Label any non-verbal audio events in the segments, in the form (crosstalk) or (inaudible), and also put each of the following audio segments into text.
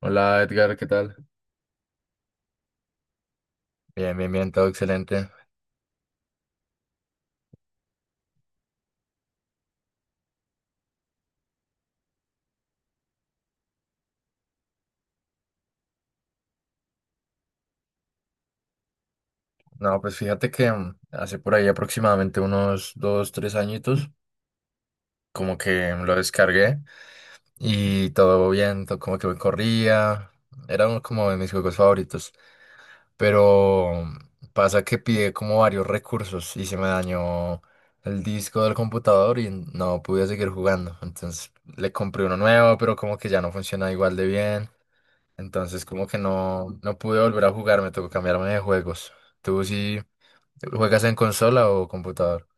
Hola Edgar, ¿qué tal? Bien, bien, bien, todo excelente. No, pues fíjate que hace por ahí aproximadamente unos dos, tres añitos, como que lo descargué y todo bien, todo como que me corría. Era uno como de mis juegos favoritos, pero pasa que pide como varios recursos y se me dañó el disco del computador y no pude seguir jugando. Entonces le compré uno nuevo, pero como que ya no funciona igual de bien. Entonces, como que no, no pude volver a jugar, me tocó cambiarme de juegos. ¿Tú sí juegas en consola o computador?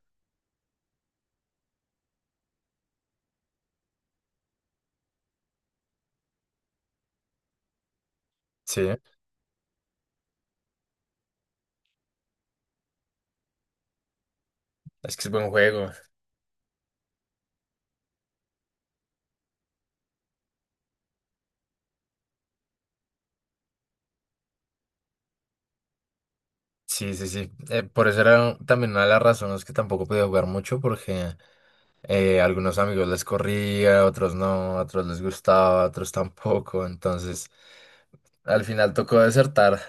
Sí, es que es buen juego. Sí, sí, sí. Por eso era también una de las razones que tampoco podía jugar mucho, porque a algunos amigos les corría, otros no, a otros les gustaba, a otros tampoco. Entonces, al final tocó desertar,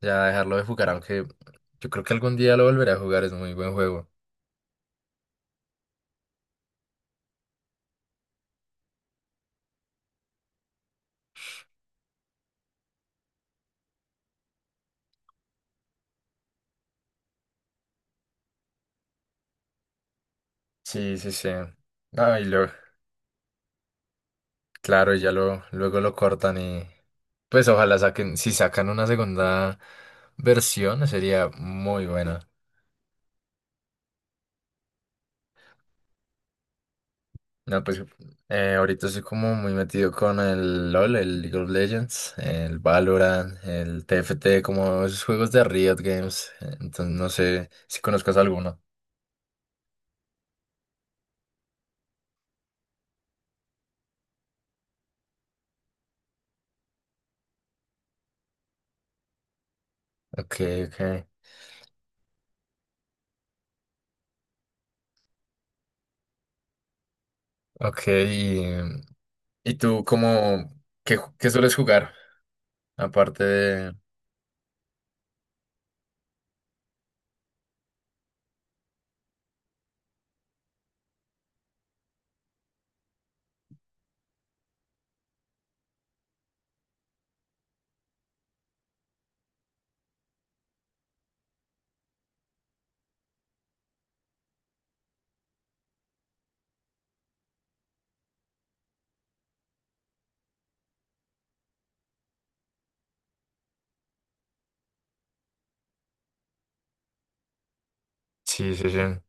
ya dejarlo de jugar, aunque yo creo que algún día lo volveré a jugar, es muy buen juego. Sí, sí, sí. No, y luego, claro, y luego lo cortan y pues ojalá saquen, si sacan una segunda versión sería muy buena. No, pues ahorita estoy como muy metido con el LOL, el League of Legends, el Valorant, el TFT, como esos juegos de Riot Games. Entonces no sé si conozcas alguno. Ok, ok. Ok, y, y tú como, ¿ qué sueles jugar? Aparte de... Sí, sí, sí.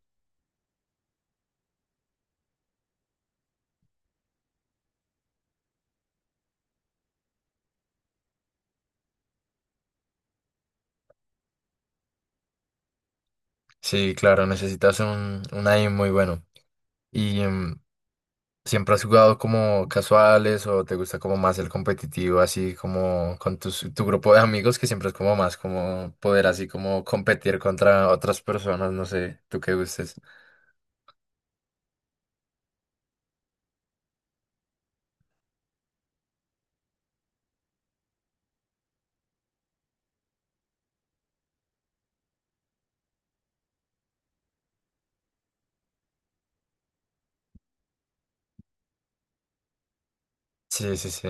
Sí, claro, necesitas un aim muy bueno. ¿Y siempre has jugado como casuales o te gusta como más el competitivo, así como con tus, tu grupo de amigos, que siempre es como más como poder así como competir contra otras personas, no sé, tú qué gustes? Sí, sí, sí.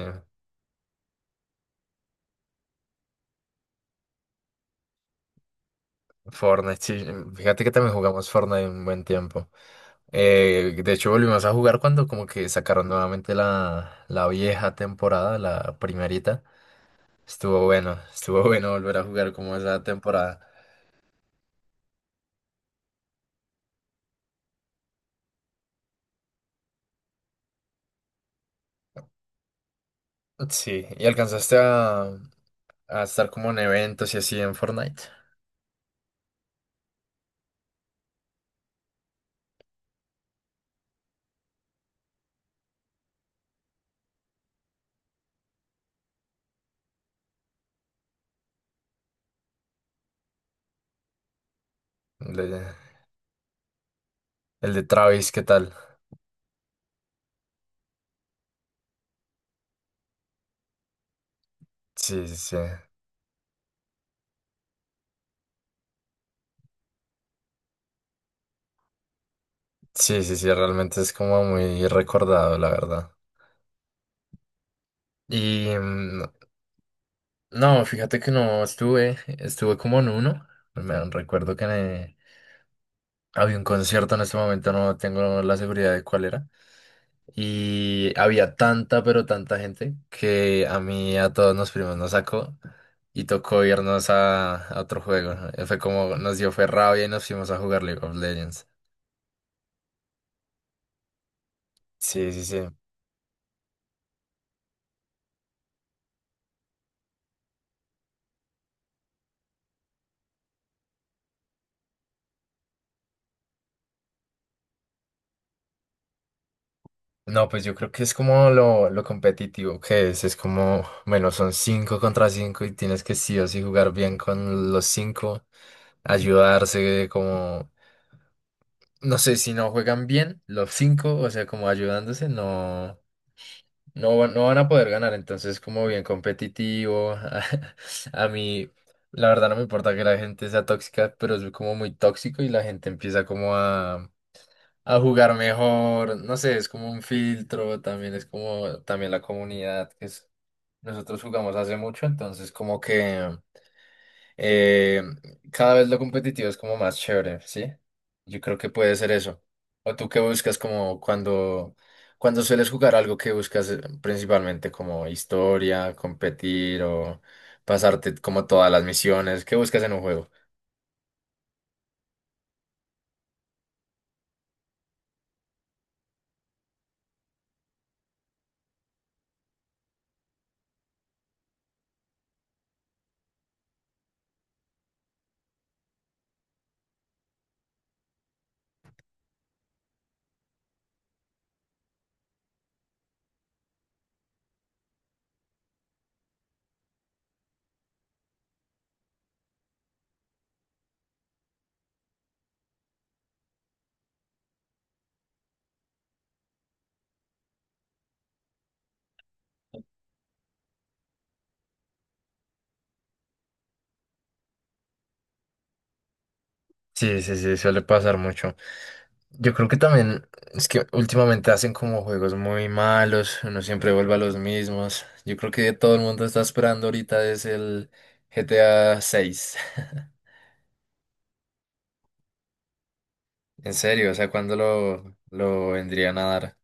Fortnite, sí. Fíjate que también jugamos Fortnite un buen tiempo. De hecho, volvimos a jugar cuando como que sacaron nuevamente la vieja temporada, la primerita. Estuvo bueno, estuvo (laughs) bueno volver a jugar como esa temporada. Sí, ¿y alcanzaste a estar como en eventos y así en Fortnite? El de, el de Travis, ¿qué tal? Sí, sí, sí. Sí, sí, sí, realmente es como muy recordado, la verdad. Y no, fíjate que no estuve, estuve como en uno. Me recuerdo que había un concierto en este momento, no tengo la seguridad de cuál era. Y había tanta, pero tanta gente que a mí, y a todos los primos nos sacó y tocó irnos a otro juego. Fue como nos dio fue rabia y nos fuimos a jugar League of Legends. Sí, sí, sí. No, pues yo creo que es como lo competitivo que es. Es como, bueno, son cinco contra cinco y tienes que sí o sí jugar bien con los cinco, ayudarse, como, no sé, si no juegan bien los cinco, o sea, como ayudándose, no. No, no van a poder ganar, entonces como bien competitivo. (laughs) A, mí, la verdad no me importa que la gente sea tóxica, pero es como muy tóxico y la gente empieza como a jugar mejor. No sé, es como un filtro, también es como también la comunidad nosotros jugamos hace mucho, entonces como que eh, cada vez lo competitivo es como más chévere, ¿sí? Yo creo que puede ser eso. ¿O tú qué buscas como cuando sueles jugar algo que buscas principalmente como historia, competir o pasarte como todas las misiones? ¿Qué buscas en un juego? Sí, sí, sí, suele pasar mucho. Yo creo que también es que últimamente hacen como juegos muy malos, uno siempre vuelve a los mismos. Yo creo que todo el mundo está esperando ahorita es el GTA 6 (laughs) En serio, o sea, ¿cuándo lo vendrían a dar?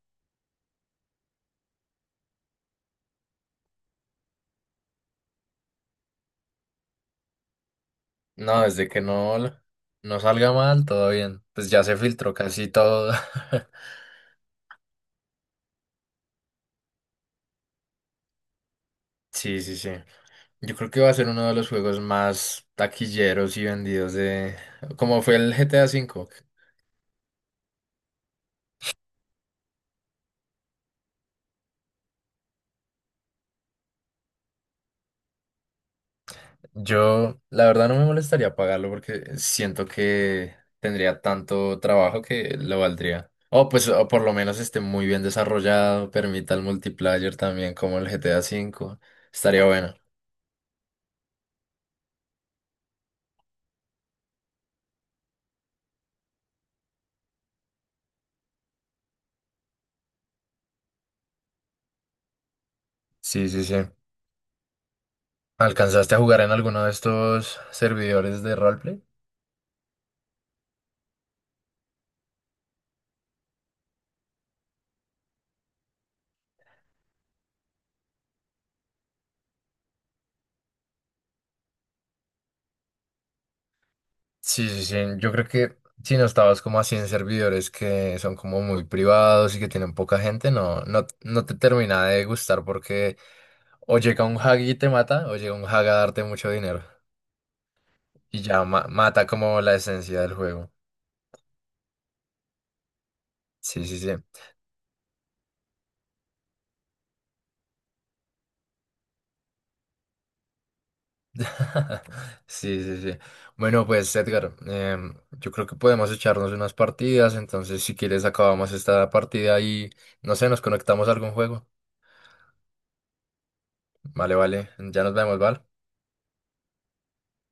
No, desde que no, l- no salga mal, todo bien. Pues ya se filtró casi todo. (laughs) Sí, sí, sí. Yo creo que va a ser uno de los juegos más taquilleros y vendidos de... Como fue el GTA 5. Yo, la verdad, no me molestaría pagarlo porque siento que tendría tanto trabajo que lo valdría. O pues, o por lo menos esté muy bien desarrollado, permita el multiplayer también como el GTA 5. Estaría bueno. Sí, sí, sí. ¿Alcanzaste a jugar en alguno de estos servidores de roleplay? Sí, sí, sí. Yo creo que si no estabas como así en servidores que son como muy privados y que tienen poca gente, no, no, no te termina de gustar porque o llega un hag y te mata, o llega un hag a darte mucho dinero y ya mata como la esencia del juego. Sí, sí, sí. (laughs) Sí, sí, sí. Bueno, pues Edgar, yo creo que podemos echarnos unas partidas, entonces si quieres acabamos esta partida y no sé, nos conectamos a algún juego. Vale, vale, ya nos vemos, ¿vale?